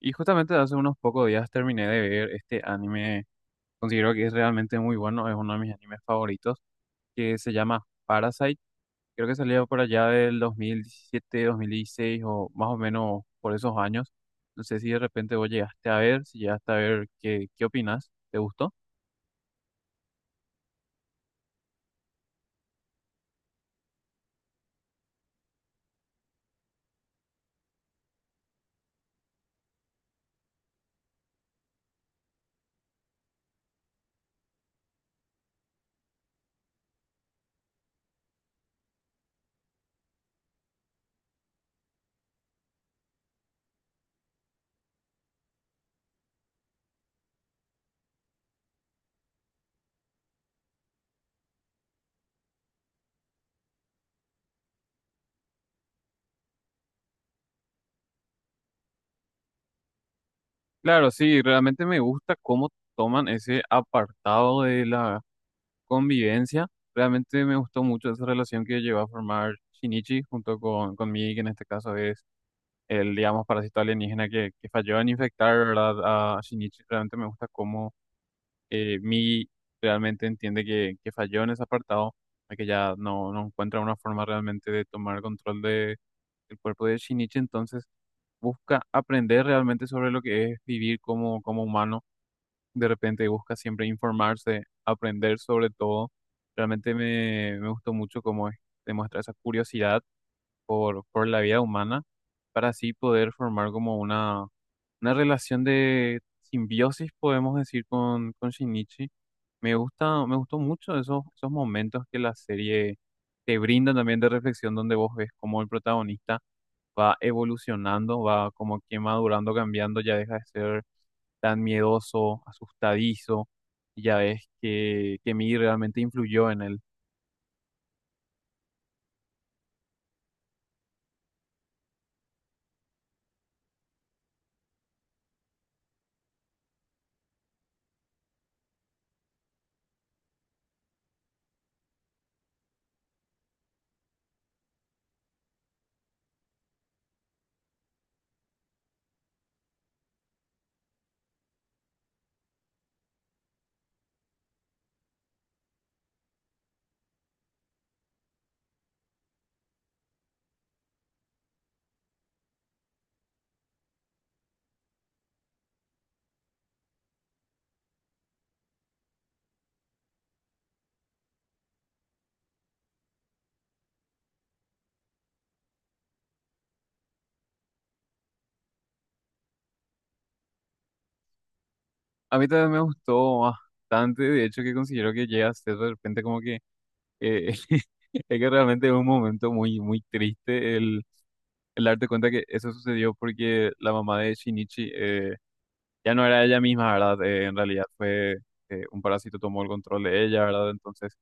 Y justamente hace unos pocos días terminé de ver este anime, considero que es realmente muy bueno, es uno de mis animes favoritos, que se llama Parasite. Creo que salió por allá del 2017 2016 o más o menos por esos años. No sé si de repente vos llegaste a ver, si llegaste a ver, ¿qué, qué opinas? ¿Te gustó? Claro, sí, realmente me gusta cómo toman ese apartado de la convivencia. Realmente me gustó mucho esa relación que llegó a formar Shinichi junto conmigo, que en este caso es el, digamos, parásito alienígena que falló en infectar, ¿verdad? A Shinichi realmente me gusta cómo Mii realmente entiende que falló en ese apartado, de que ya no encuentra una forma realmente de tomar control del cuerpo de Shinichi, entonces busca aprender realmente sobre lo que es vivir como humano, de repente busca siempre informarse, aprender sobre todo, realmente me gustó mucho cómo es, demuestra esa curiosidad por la vida humana para así poder formar como una relación de simbiosis, podemos decir, con Shinichi. Me gusta, me gustó mucho esos momentos que la serie te brinda también de reflexión, donde vos ves cómo el protagonista va evolucionando, va como que madurando, cambiando, ya deja de ser tan miedoso, asustadizo, y ya ves que Mii realmente influyó en él. A mí también me gustó bastante, de hecho que considero que llega a ser de repente como que eh, es que realmente es un momento muy, muy triste el darte cuenta que eso sucedió porque la mamá de Shinichi ya no era ella misma, ¿verdad? En realidad fue un parásito tomó el control de ella, ¿verdad? Entonces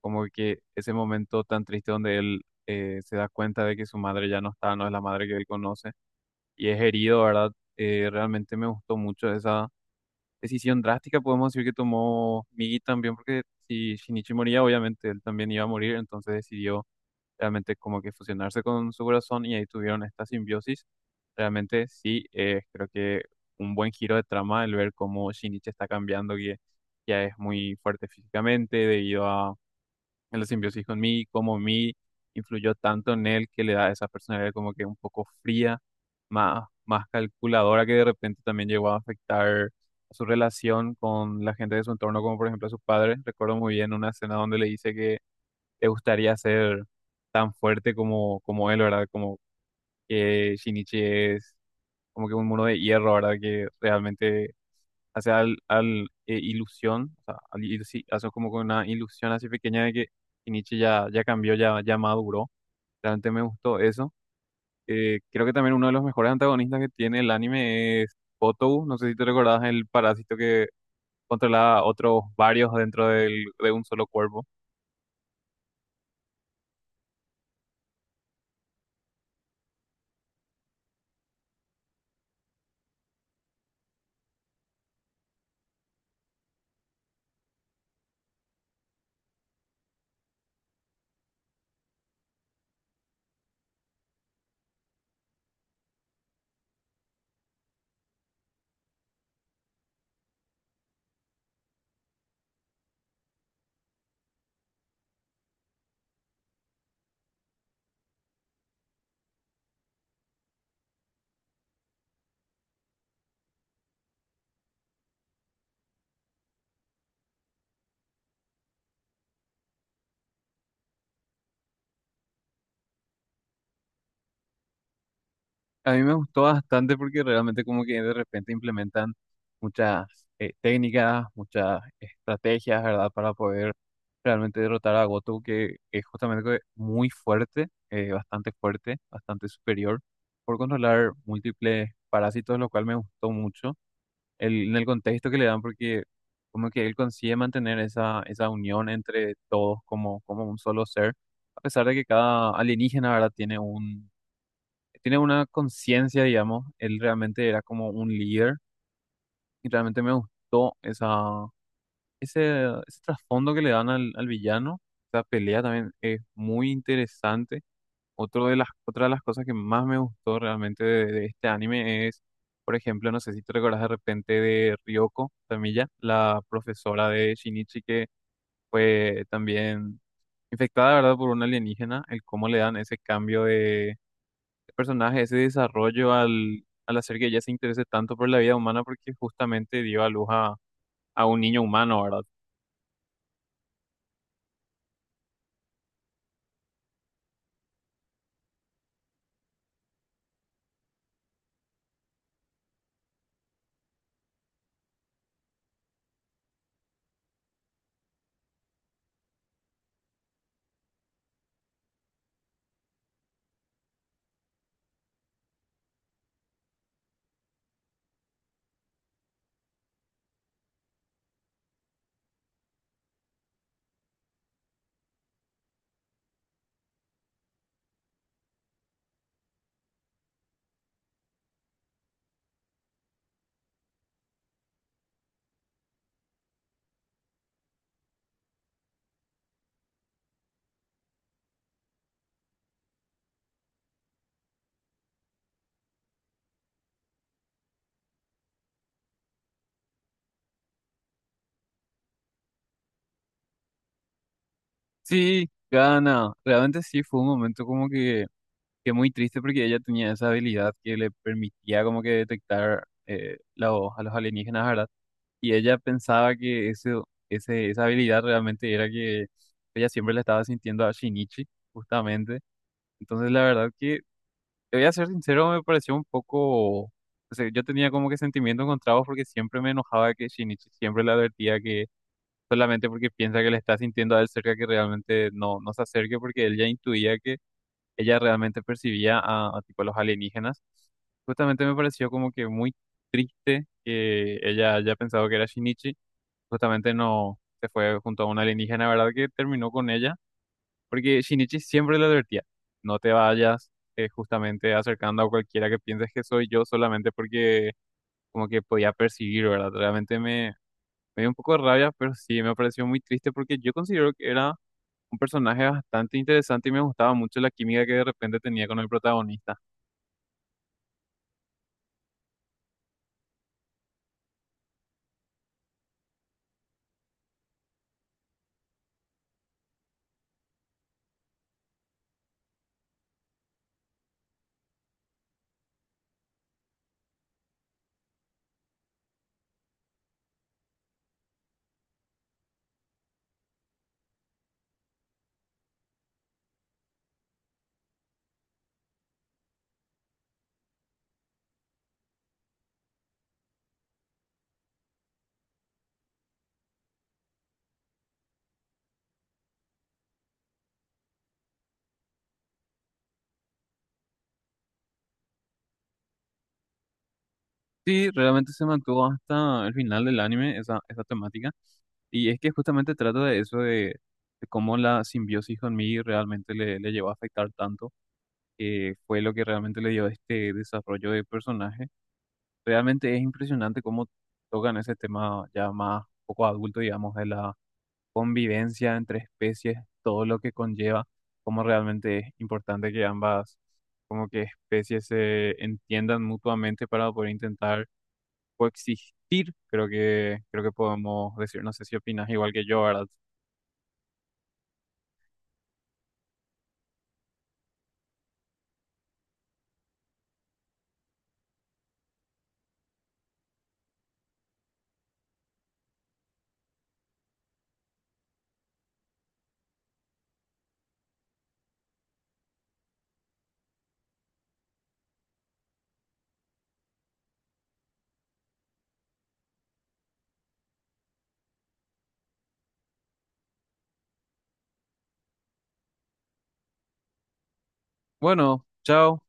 como que ese momento tan triste donde él se da cuenta de que su madre ya no está, no es la madre que él conoce y es herido, ¿verdad? Realmente me gustó mucho esa decisión drástica podemos decir que tomó Migi también, porque si Shinichi moría, obviamente él también iba a morir, entonces decidió realmente como que fusionarse con su corazón y ahí tuvieron esta simbiosis. Realmente sí, creo que un buen giro de trama el ver cómo Shinichi está cambiando, que ya es muy fuerte físicamente debido a en la simbiosis con mí, cómo mí influyó tanto en él que le da esa personalidad como que un poco fría, más, más calculadora, que de repente también llegó a afectar su relación con la gente de su entorno, como por ejemplo a sus padres. Recuerdo muy bien una escena donde le dice que le gustaría ser tan fuerte como él, ¿verdad? Como que Shinichi es como que un muro de hierro, ¿verdad? Que realmente hace ilusión, o sea, sí, hace como con una ilusión así pequeña de que Nietzsche ya cambió, ya maduró. Realmente me gustó eso. Creo que también uno de los mejores antagonistas que tiene el anime es Kotobu. No sé si te recordás el parásito que controlaba otros varios dentro de un solo cuerpo. A mí me gustó bastante porque realmente como que de repente implementan muchas técnicas, muchas estrategias, ¿verdad? Para poder realmente derrotar a Goto, que es justamente que muy fuerte, bastante fuerte, bastante superior, por controlar múltiples parásitos, lo cual me gustó mucho en el contexto que le dan, porque como que él consigue mantener esa unión entre todos como un solo ser, a pesar de que cada alienígena, ¿verdad? Tiene una conciencia, digamos, él realmente era como un líder y realmente me gustó ese trasfondo que le dan al villano. Esa pelea también es muy interesante. Otra de las cosas que más me gustó realmente de este anime es, por ejemplo, no sé si te recordás de repente de Ryoko Tamiya, la profesora de Shinichi que fue también infectada, ¿verdad?, por un alienígena, el cómo le dan ese cambio de personaje, ese desarrollo al hacer que ella se interese tanto por la vida humana porque justamente dio a luz a un niño humano, ¿verdad? Sí, Gana, realmente sí fue un momento como que muy triste porque ella tenía esa habilidad que le permitía como que detectar la voz a los alienígenas, ¿verdad? Y ella pensaba que esa habilidad realmente era que ella siempre la estaba sintiendo a Shinichi, justamente. Entonces la verdad que Te voy a ser sincero, me pareció un poco, o sea, yo tenía como que sentimientos encontrados porque siempre me enojaba que Shinichi siempre le advertía que solamente porque piensa que le está sintiendo a él cerca que realmente no se acerque porque él ya intuía que ella realmente percibía a tipo los alienígenas. Justamente me pareció como que muy triste que ella haya pensado que era Shinichi. Justamente no se fue junto a una alienígena, ¿verdad? Que terminó con ella. Porque Shinichi siempre le advertía, no te vayas justamente acercando a cualquiera que pienses que soy yo solamente porque como que podía percibir, ¿verdad? Realmente me dio un poco de rabia, pero sí me pareció muy triste porque yo considero que era un personaje bastante interesante y me gustaba mucho la química que de repente tenía con el protagonista. Sí, realmente se mantuvo hasta el final del anime esa temática y es que justamente trata de eso de cómo la simbiosis con Mii realmente le llevó a afectar tanto fue lo que realmente le dio este desarrollo de personaje. Realmente es impresionante cómo tocan ese tema ya más poco adulto, digamos, de la convivencia entre especies, todo lo que conlleva, cómo realmente es importante que ambas como que especies se entiendan mutuamente para poder intentar coexistir. Creo que podemos decir, no sé si opinas igual que yo, ¿verdad? Bueno, chao.